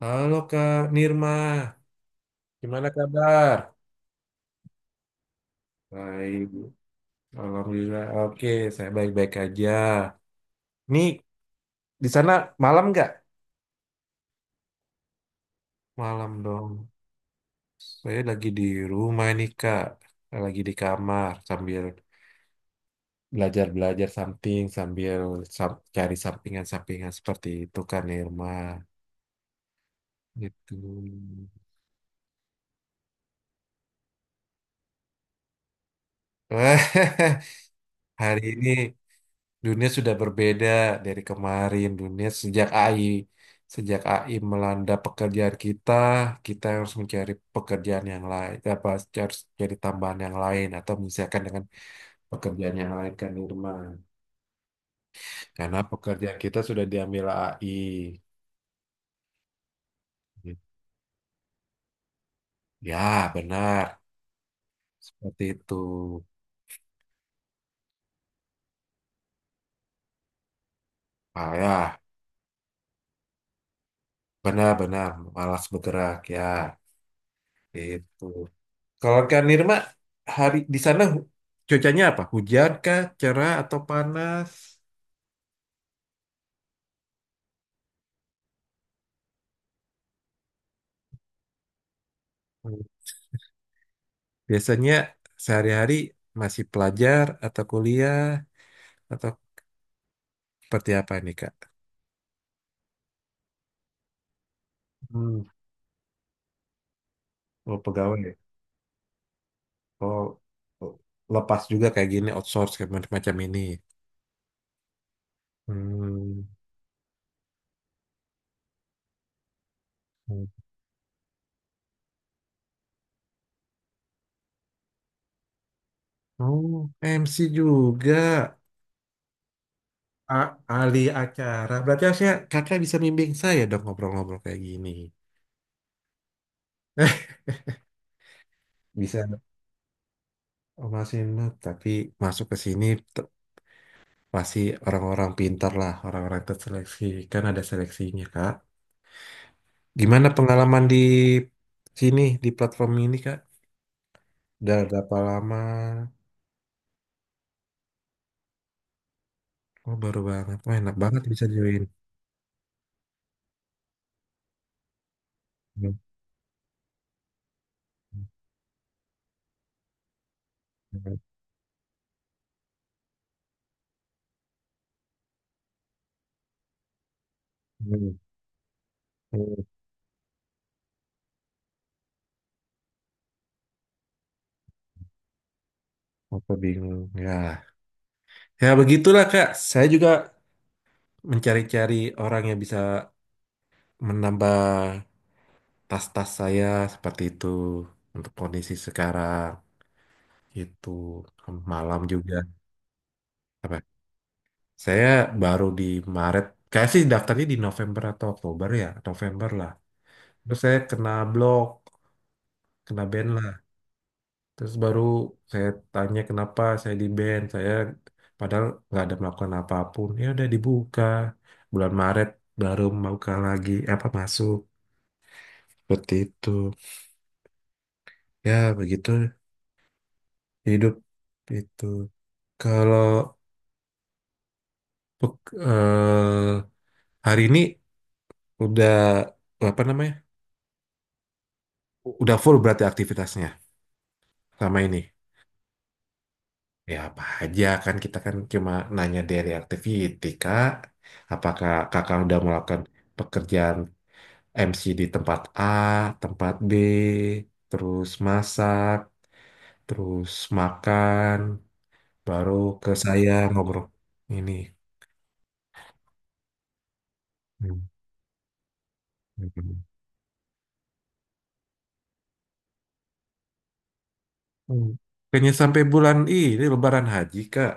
Halo Kak Nirma, gimana kabar? Baik, Alhamdulillah. Oke, saya baik-baik aja. Nih, di sana malam nggak? Malam dong. Saya lagi di rumah nih Kak, lagi di kamar sambil belajar-belajar something, sambil cari sampingan-sampingan seperti itu Kak Nirma. Gitu. Hari ini. Dunia sudah berbeda dari kemarin. Dunia sejak AI, sejak AI melanda pekerjaan kita, kita harus mencari pekerjaan yang lain, apa harus cari tambahan yang lain, atau misalkan dengan pekerjaan yang lain kan Irma. Karena pekerjaan kita sudah diambil AI. Ya, benar. Seperti itu. Ah, ya, benar-benar malas bergerak ya. Itu. Kalau Kak Nirma, hari di sana cuacanya apa? Hujan kah, cerah atau panas? Hmm. Biasanya sehari-hari masih pelajar atau kuliah atau seperti apa nih Kak? Hmm. Oh, pegawai, ya? Oh, oh, lepas juga kayak gini outsource kayak macam macam ini. Hmm. Hmm. Oh, MC juga. Ahli acara. Berarti harusnya kakak bisa bimbing saya dong ngobrol-ngobrol kayak gini. Bisa. Oh, masih not, tapi masuk ke sini te- pasti orang-orang pintar lah, orang-orang terseleksi. Kan ada seleksinya, Kak. Gimana pengalaman di sini, di platform ini, Kak? Udah berapa lama? Oh, baru banget. Wah, enak banget bisa join. Hmm, hmm, hmm, hmm. Aku bingung. Ya, ya begitulah, Kak. Saya juga mencari-cari orang yang bisa menambah tas-tas saya seperti itu untuk kondisi sekarang. Itu. Malam juga. Apa? Saya baru di Maret. Kayak sih daftarnya di November atau Oktober ya. November lah. Terus saya kena blok. Kena ban lah. Terus baru saya tanya kenapa saya di ban. Saya padahal nggak ada melakukan apapun. Ya udah dibuka. Bulan Maret baru buka lagi. Eh, apa masuk. Seperti itu. Ya begitu hidup itu. Kalau pek- eh, hari ini udah apa namanya, udah full berarti aktivitasnya selama ini. Ya apa aja kan kita kan cuma nanya dari activity kak. Apakah kakak udah melakukan pekerjaan MC di tempat A, tempat B, terus masak, terus makan, baru ke saya ngobrol ini. Hmm. Hmm. Hmm. Kayaknya sampai bulan ini Lebaran Haji kak.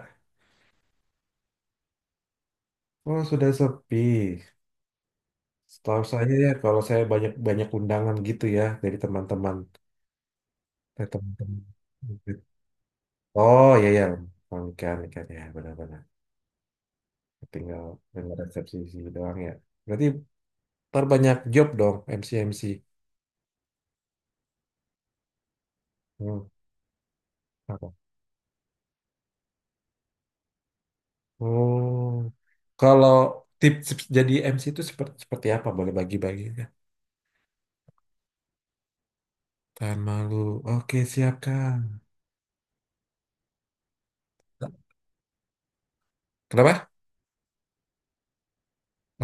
Oh sudah sepi. Setahu saya ya kalau saya banyak banyak undangan gitu ya dari teman-teman. Ke teman-teman. Oh iya ya, ikan ikan ya benar-benar. Tinggal dengan resepsi si doang ya. Berarti terbanyak job dong MC MC. Hmm, apa? Oh, kalau tips jadi MC itu seperti seperti apa? Boleh bagi-bagi ya. Tahan malu. Oke siap Kang. Kenapa?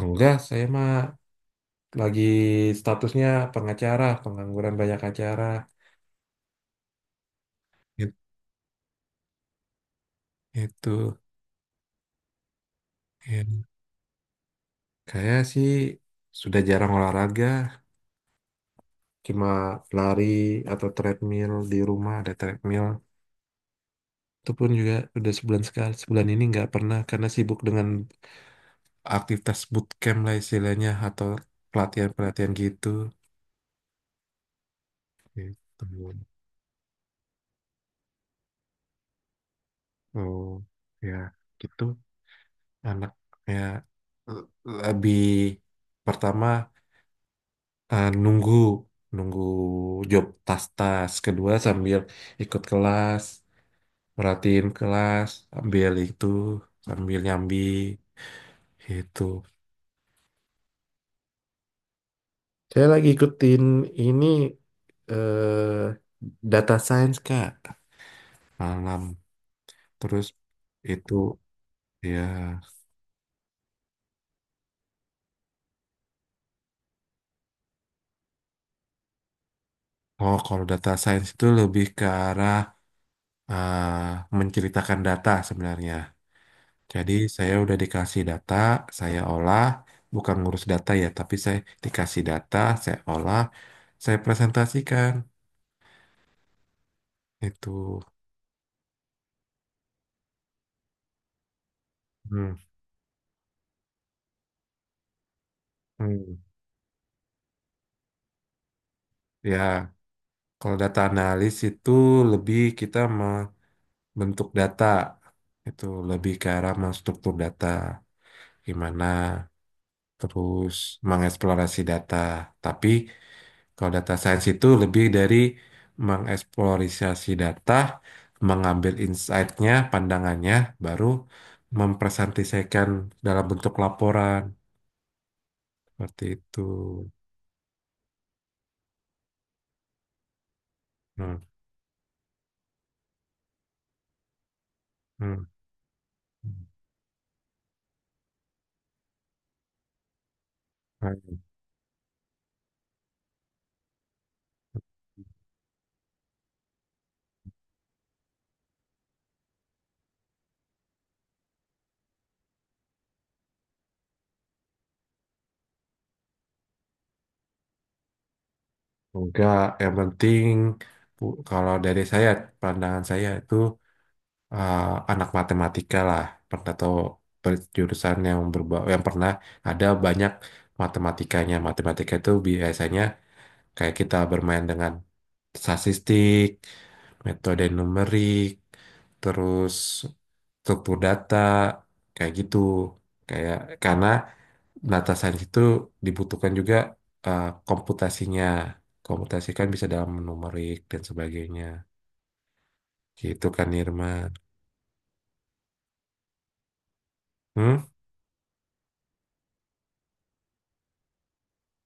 Enggak, saya mah lagi statusnya pengacara, pengangguran banyak acara. It- Itu. Ya. Kayak sih sudah jarang olahraga, cuma lari atau treadmill. Di rumah ada treadmill, itu pun juga udah sebulan sekali. Sebulan ini nggak pernah karena sibuk dengan aktivitas bootcamp lah istilahnya, atau pelatihan pelatihan gitu gitu. Oh ya gitu anak ya, l- lebih pertama, nunggu nunggu job tas-tas kedua sambil ikut kelas, merhatiin kelas, ambil itu sambil nyambi itu. Saya lagi ikutin ini eh data science Kak malam. Terus itu ya. Oh kalau data science itu lebih ke arah menceritakan data sebenarnya. Jadi saya udah dikasih data, saya olah, bukan ngurus data ya, tapi saya dikasih data, saya olah, saya presentasikan itu. Hmm. Hmm. Ya, kalau data analis itu lebih kita bentuk data, itu lebih ke arah menstruktur data gimana, terus mengeksplorasi data, tapi kalau data science itu lebih dari mengeksplorasi data, mengambil insight-nya, pandangannya, baru mempresentasikan dalam bentuk laporan seperti itu. Hmm, hmm. Hmm. Enggak, yang penting kalau dari saya pandangan saya itu, eh, anak matematika lah, pernah atau jurusan yang yang pernah ada banyak matematikanya. Matematika itu biasanya kayak kita bermain dengan statistik, metode numerik, terus struktur data kayak gitu, kayak karena data science itu dibutuhkan juga komputasinya. Komputasi kan bisa dalam numerik dan sebagainya, gitu kan Irman. Hmm?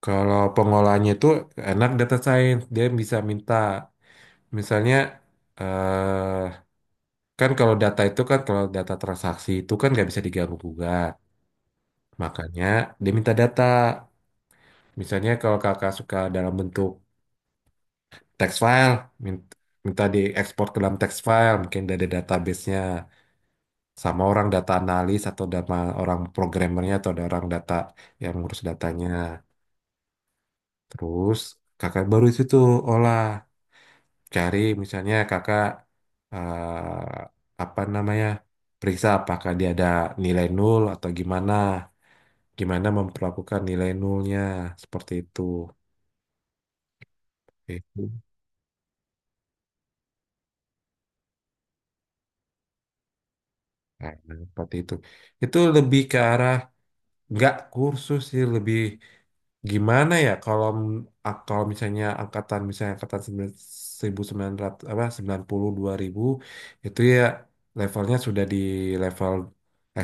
Kalau pengolahnya itu anak data science, dia bisa minta, misalnya, eh kan kalau data transaksi itu kan nggak bisa diganggu gugat. Makanya dia minta data. Misalnya kalau kakak suka dalam bentuk text file, min- minta diekspor ke dalam text file, mungkin dari database-nya sama orang data analis atau sama orang programmernya atau ada orang data yang ngurus datanya. Terus kakak baru itu tuh olah. Cari misalnya kakak apa namanya, periksa apakah dia ada nilai nol atau gimana gimana memperlakukan nilai nolnya seperti itu itu. Nah, seperti itu lebih ke arah nggak kursus sih, lebih gimana ya kalau kalau misalnya angkatan 1900 apa 92.000 itu ya, levelnya sudah di level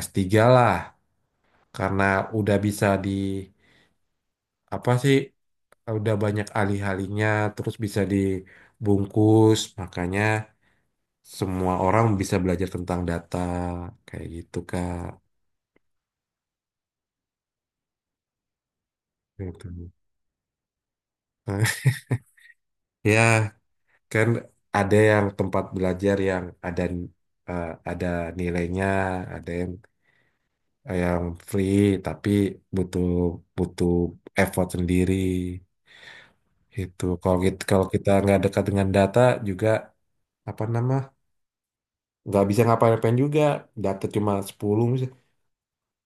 s tiga lah, karena udah bisa di apa sih, udah banyak alih-alihnya, terus bisa dibungkus, makanya semua orang bisa belajar tentang data kayak gitu Kak. Gitu. Ya kan, ada yang tempat belajar yang ada ada nilainya, ada yang free tapi butuh butuh effort sendiri. Itu kalau kita nggak dekat dengan data juga apa nama, nggak bisa ngapain-ngapain juga data cuma 10 misalnya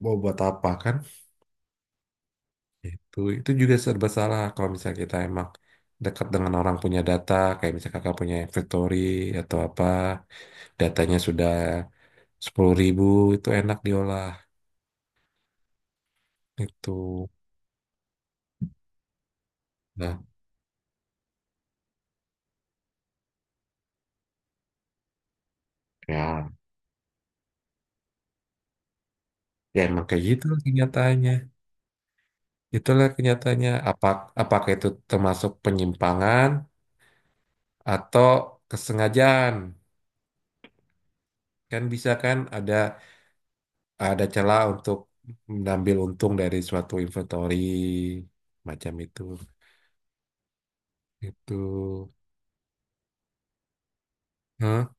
mau buat apa kan. Itu juga serba salah kalau misalnya kita emang dekat dengan orang punya data, kayak misalnya kakak punya inventory atau apa datanya sudah 10.000 itu enak diolah itu. Nah ya, ya emang kayak gitu lah kenyataannya. Itulah kenyataannya. Apakah itu termasuk penyimpangan atau kesengajaan, kan bisa kan, ada celah untuk mengambil untung dari suatu inventory macam itu. Hah?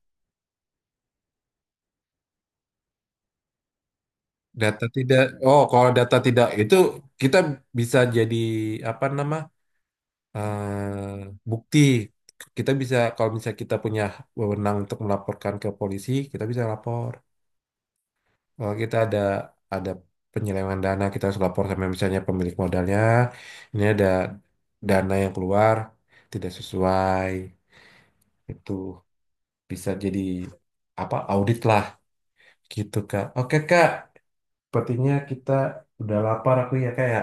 Data tidak oh kalau data tidak itu kita bisa jadi apa nama, bukti. Kita bisa kalau misalnya kita punya wewenang untuk melaporkan ke polisi kita bisa lapor, kalau kita ada penyelewengan dana, kita harus lapor sama misalnya pemilik modalnya, ini ada dana yang keluar tidak sesuai itu, bisa jadi apa audit lah gitu kak. Oke kak sepertinya kita udah lapar aku ya kayak,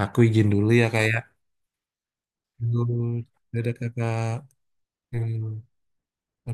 aku izin dulu ya kayak. Aduh, dadah kakak. Hmm.